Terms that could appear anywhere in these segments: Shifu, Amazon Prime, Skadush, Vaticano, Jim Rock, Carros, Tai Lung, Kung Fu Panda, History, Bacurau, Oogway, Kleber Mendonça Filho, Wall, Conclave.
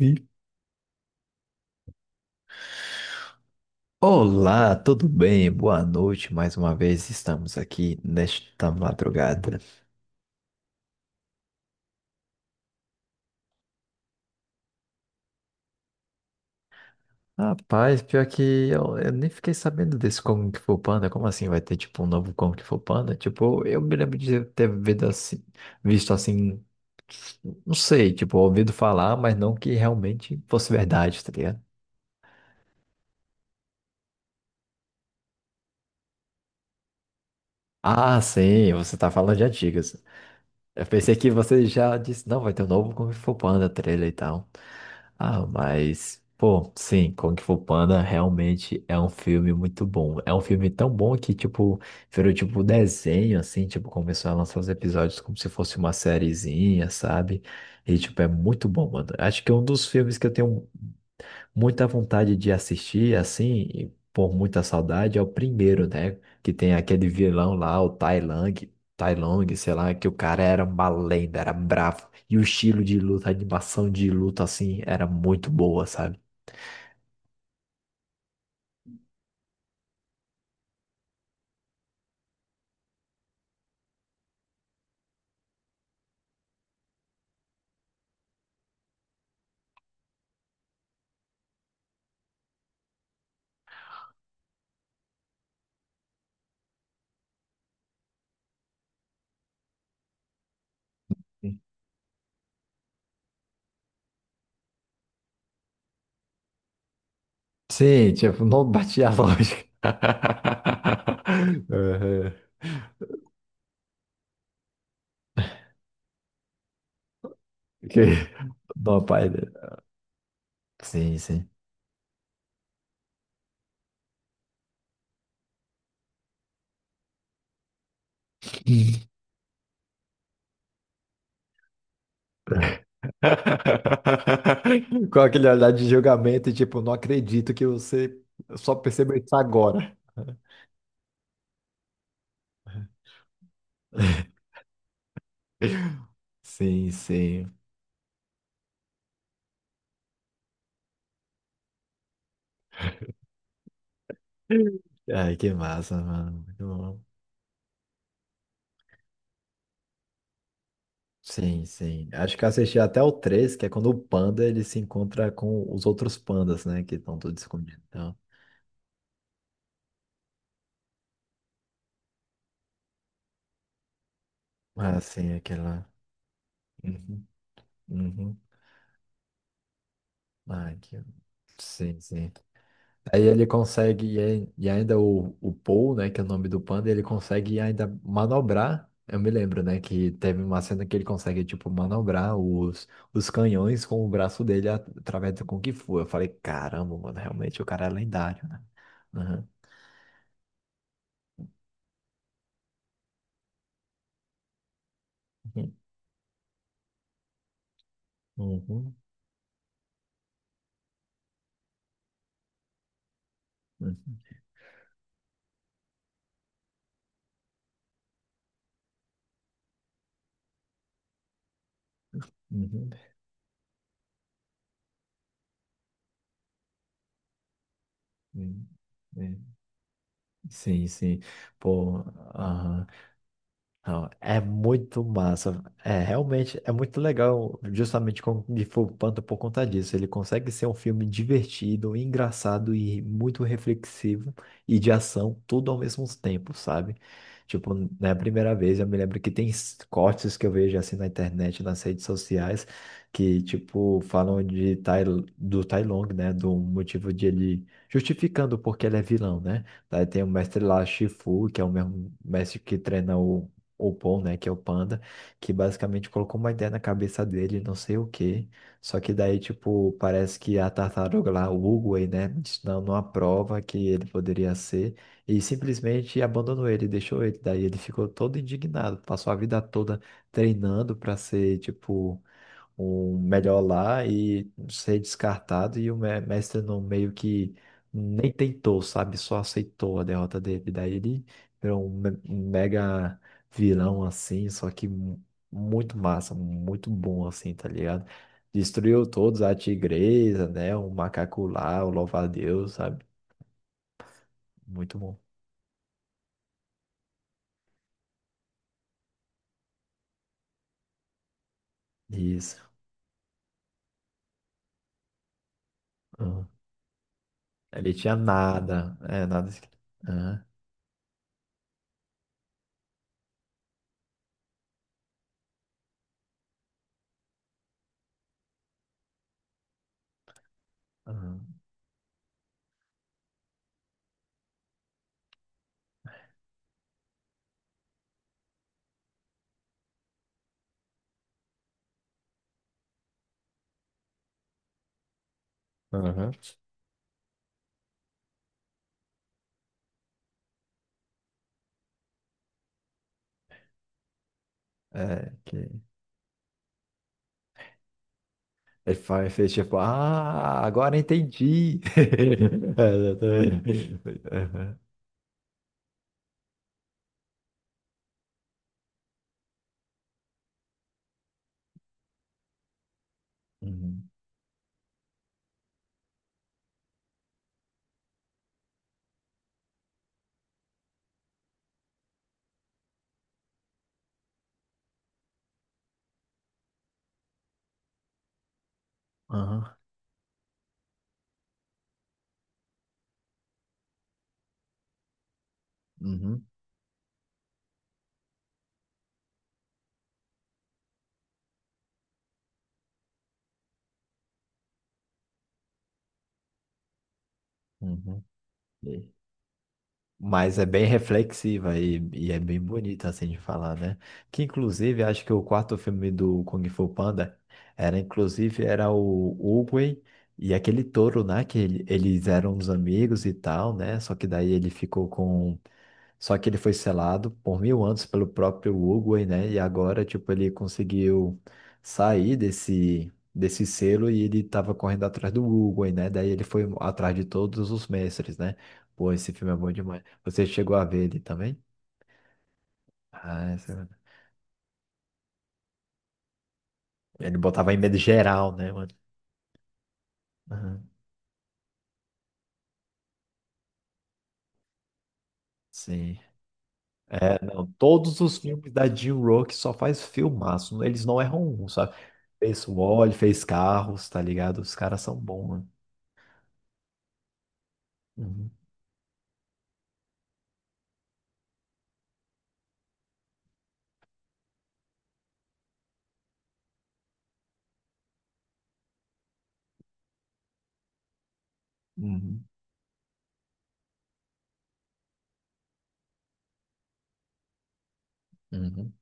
E- Olá, tudo bem? Boa noite. Mais uma vez estamos aqui nesta madrugada. Rapaz, pior que eu nem fiquei sabendo desse Kung Fu Panda. Como assim vai ter tipo um novo Kung Fu Panda? Tipo, eu me lembro de ter visto assim, não sei, tipo, ouvido falar, mas não que realmente fosse verdade, tá ligado? Ah, sim, você tá falando de antigas. Eu pensei que você já disse, não, vai ter um novo Kung Fu Panda trailer e tal. Ah, mas, pô, sim, Kung Fu Panda realmente é um filme muito bom. É um filme tão bom que, tipo, virou tipo desenho, assim, tipo, começou a lançar os episódios como se fosse uma sériezinha, sabe? E, tipo, é muito bom, mano. Acho que é um dos filmes que eu tenho muita vontade de assistir, assim, e por muita saudade, é o primeiro, né? Que tem aquele vilão lá, o Tai Lang, Tai Lung, sei lá, que o cara era uma lenda, era bravo. E o estilo de luta, a animação de luta, assim, era muito boa, sabe? Sim, tipo, não batia a lógica. Uhum. Que- Não, pai. Sim, sim. Com aquele olhar de julgamento, tipo, não acredito que você só percebeu isso agora. Sim, sim. Ai, que massa, mano. Muito bom. Sim, sim. Acho que eu assisti até o 3 que é quando o panda ele se encontra com os outros pandas, né? Que estão todos escondidos. Então, ah, sim, aquela. Uhum, uhum. Ah, que... Sim, sim. Aí ele consegue, e ainda o Paul, né, que é o nome do panda, ele consegue ainda manobrar. Eu me lembro, né, que teve uma cena que ele consegue, tipo, manobrar os canhões com o braço dele através do Kung Fu. Eu falei, caramba, mano, realmente o cara é lendário, né? Aham. Uhum. Uhum. Uhum. Uhum. Sim, sim. Pô, aham. Não, é muito massa. É, realmente é muito legal, justamente com de Fu Panda por conta disso. Ele consegue ser um filme divertido, engraçado e muito reflexivo e de ação, tudo ao mesmo tempo, sabe? Tipo, na primeira vez eu me lembro que tem cortes que eu vejo assim na internet, nas redes sociais, que tipo falam do Tai Long, né, do motivo de ele justificando porque ele é vilão, né? Daí tem o mestre lá, Shifu, que é o mesmo mestre que treina o Paul, né, que é o Panda, que basicamente colocou uma ideia na cabeça dele, não sei o quê. Só que daí, tipo, parece que a tartaruga lá, o Oogway, né, dando uma prova que ele poderia ser, e simplesmente abandonou ele, deixou ele. Daí ele ficou todo indignado, passou a vida toda treinando para ser, tipo, um melhor lá e ser descartado e o mestre não meio que nem tentou, sabe? Só aceitou a derrota dele. Daí ele virou um um mega vilão assim, só que muito massa, muito bom assim, tá ligado? Destruiu todos, a tigresa, né? O macaco lá, o louva-a-Deus, sabe? Muito bom. Isso. Uhum. Ele tinha nada, é, nada escrito. Aham, aham, aham. É, que- Ele fez tipo, ah, agora entendi. É, exatamente. Aham, uhum, aham, uhum, uhum. E- Mas é bem reflexiva e é bem bonita assim de falar, né? Que inclusive acho que o quarto filme do Kung Fu Panda era inclusive era o Oogway e aquele touro, né? Que ele- eles eram uns amigos e tal, né? Só que daí ele ficou com. Só que ele foi selado por 1.000 anos pelo próprio Uruguai, né? E agora, tipo, ele conseguiu sair desse selo e ele tava correndo atrás do Uruguai, né? Daí ele foi atrás de todos os mestres, né? Pô, esse filme é bom demais. Você chegou a ver ele também? Ah, esse... ele botava em medo geral, né, mano? Aham. Sim. É, não, todos os filmes da Jim Rock só faz filmaço, né? Eles não erram um, sabe? Fez Wall, fez Carros, tá ligado? Os caras são bons, mano. Uhum. Uhum. Uhum.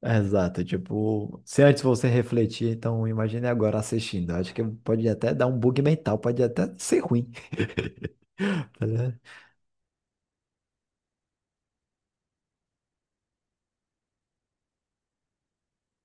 Exato, tipo, se antes você refletir, então imagine agora assistindo. Acho que pode até dar um bug mental, pode até ser ruim. Tá ligado?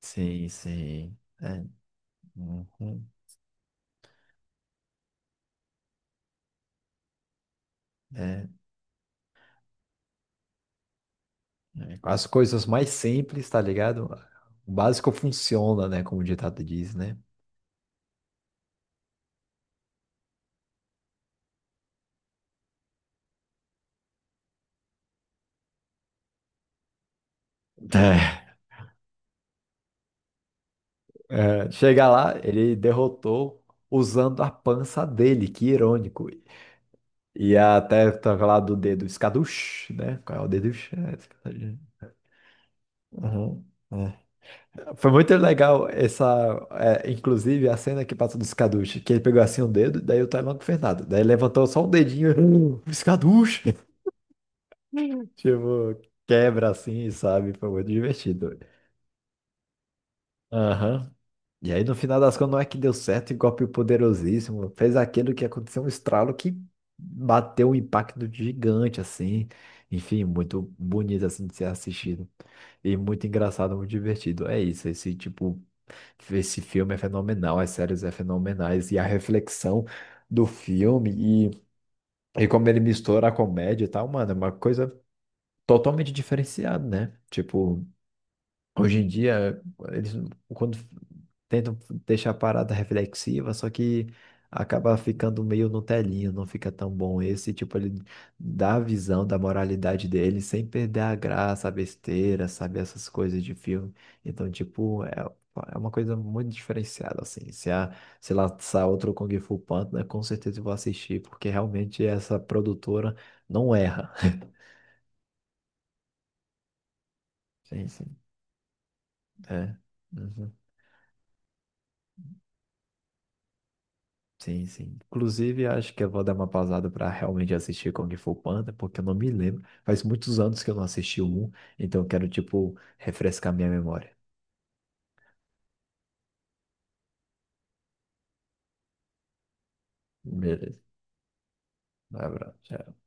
Sim, sim. É, uhum, é, é. As coisas mais simples, tá ligado? O básico funciona, né? Como o ditado diz, né? É, é, chega lá, ele derrotou usando a pança dele, que irônico. E até toca lá do dedo escaduche, né? Qual é o dedo? Aham, é. Foi muito legal essa, é, inclusive a cena que passa do Skadush, que ele pegou assim um dedo, daí o Taiwan com o, daí levantou só um dedinho, Skadush," tipo, quebra assim, sabe? Foi muito divertido. Aham. E aí, no final das contas, não é que deu certo, e o Poderosíssimo fez aquilo que aconteceu um estralo que bateu um impacto gigante, assim. Enfim, muito bonito, assim, de ser assistido. E muito engraçado, muito divertido. É isso, esse tipo, esse filme é fenomenal, as séries é fenomenais. E a reflexão do filme e como ele mistura a comédia e tal, mano, é uma coisa totalmente diferenciada, né? Tipo, hoje em dia, eles quando tentam deixar a parada reflexiva, só que acaba ficando meio no telinho, não fica tão bom. Esse tipo, ele dá a visão da moralidade dele sem perder a graça, a besteira, sabe? Essas coisas de filme. Então, tipo, é, é uma coisa muito diferenciada, assim. Se lançar outro Kung Fu Panda, com certeza eu vou assistir, porque realmente essa produtora não erra. Sim, sim. É. Uhum. Sim, sim. Inclusive, acho que eu vou dar uma pausada para realmente assistir Kung Fu Panda, porque eu não me lembro. Faz muitos anos que eu não assisti o um, então eu quero, tipo, refrescar minha memória. Beleza. Um abraço. Tchau.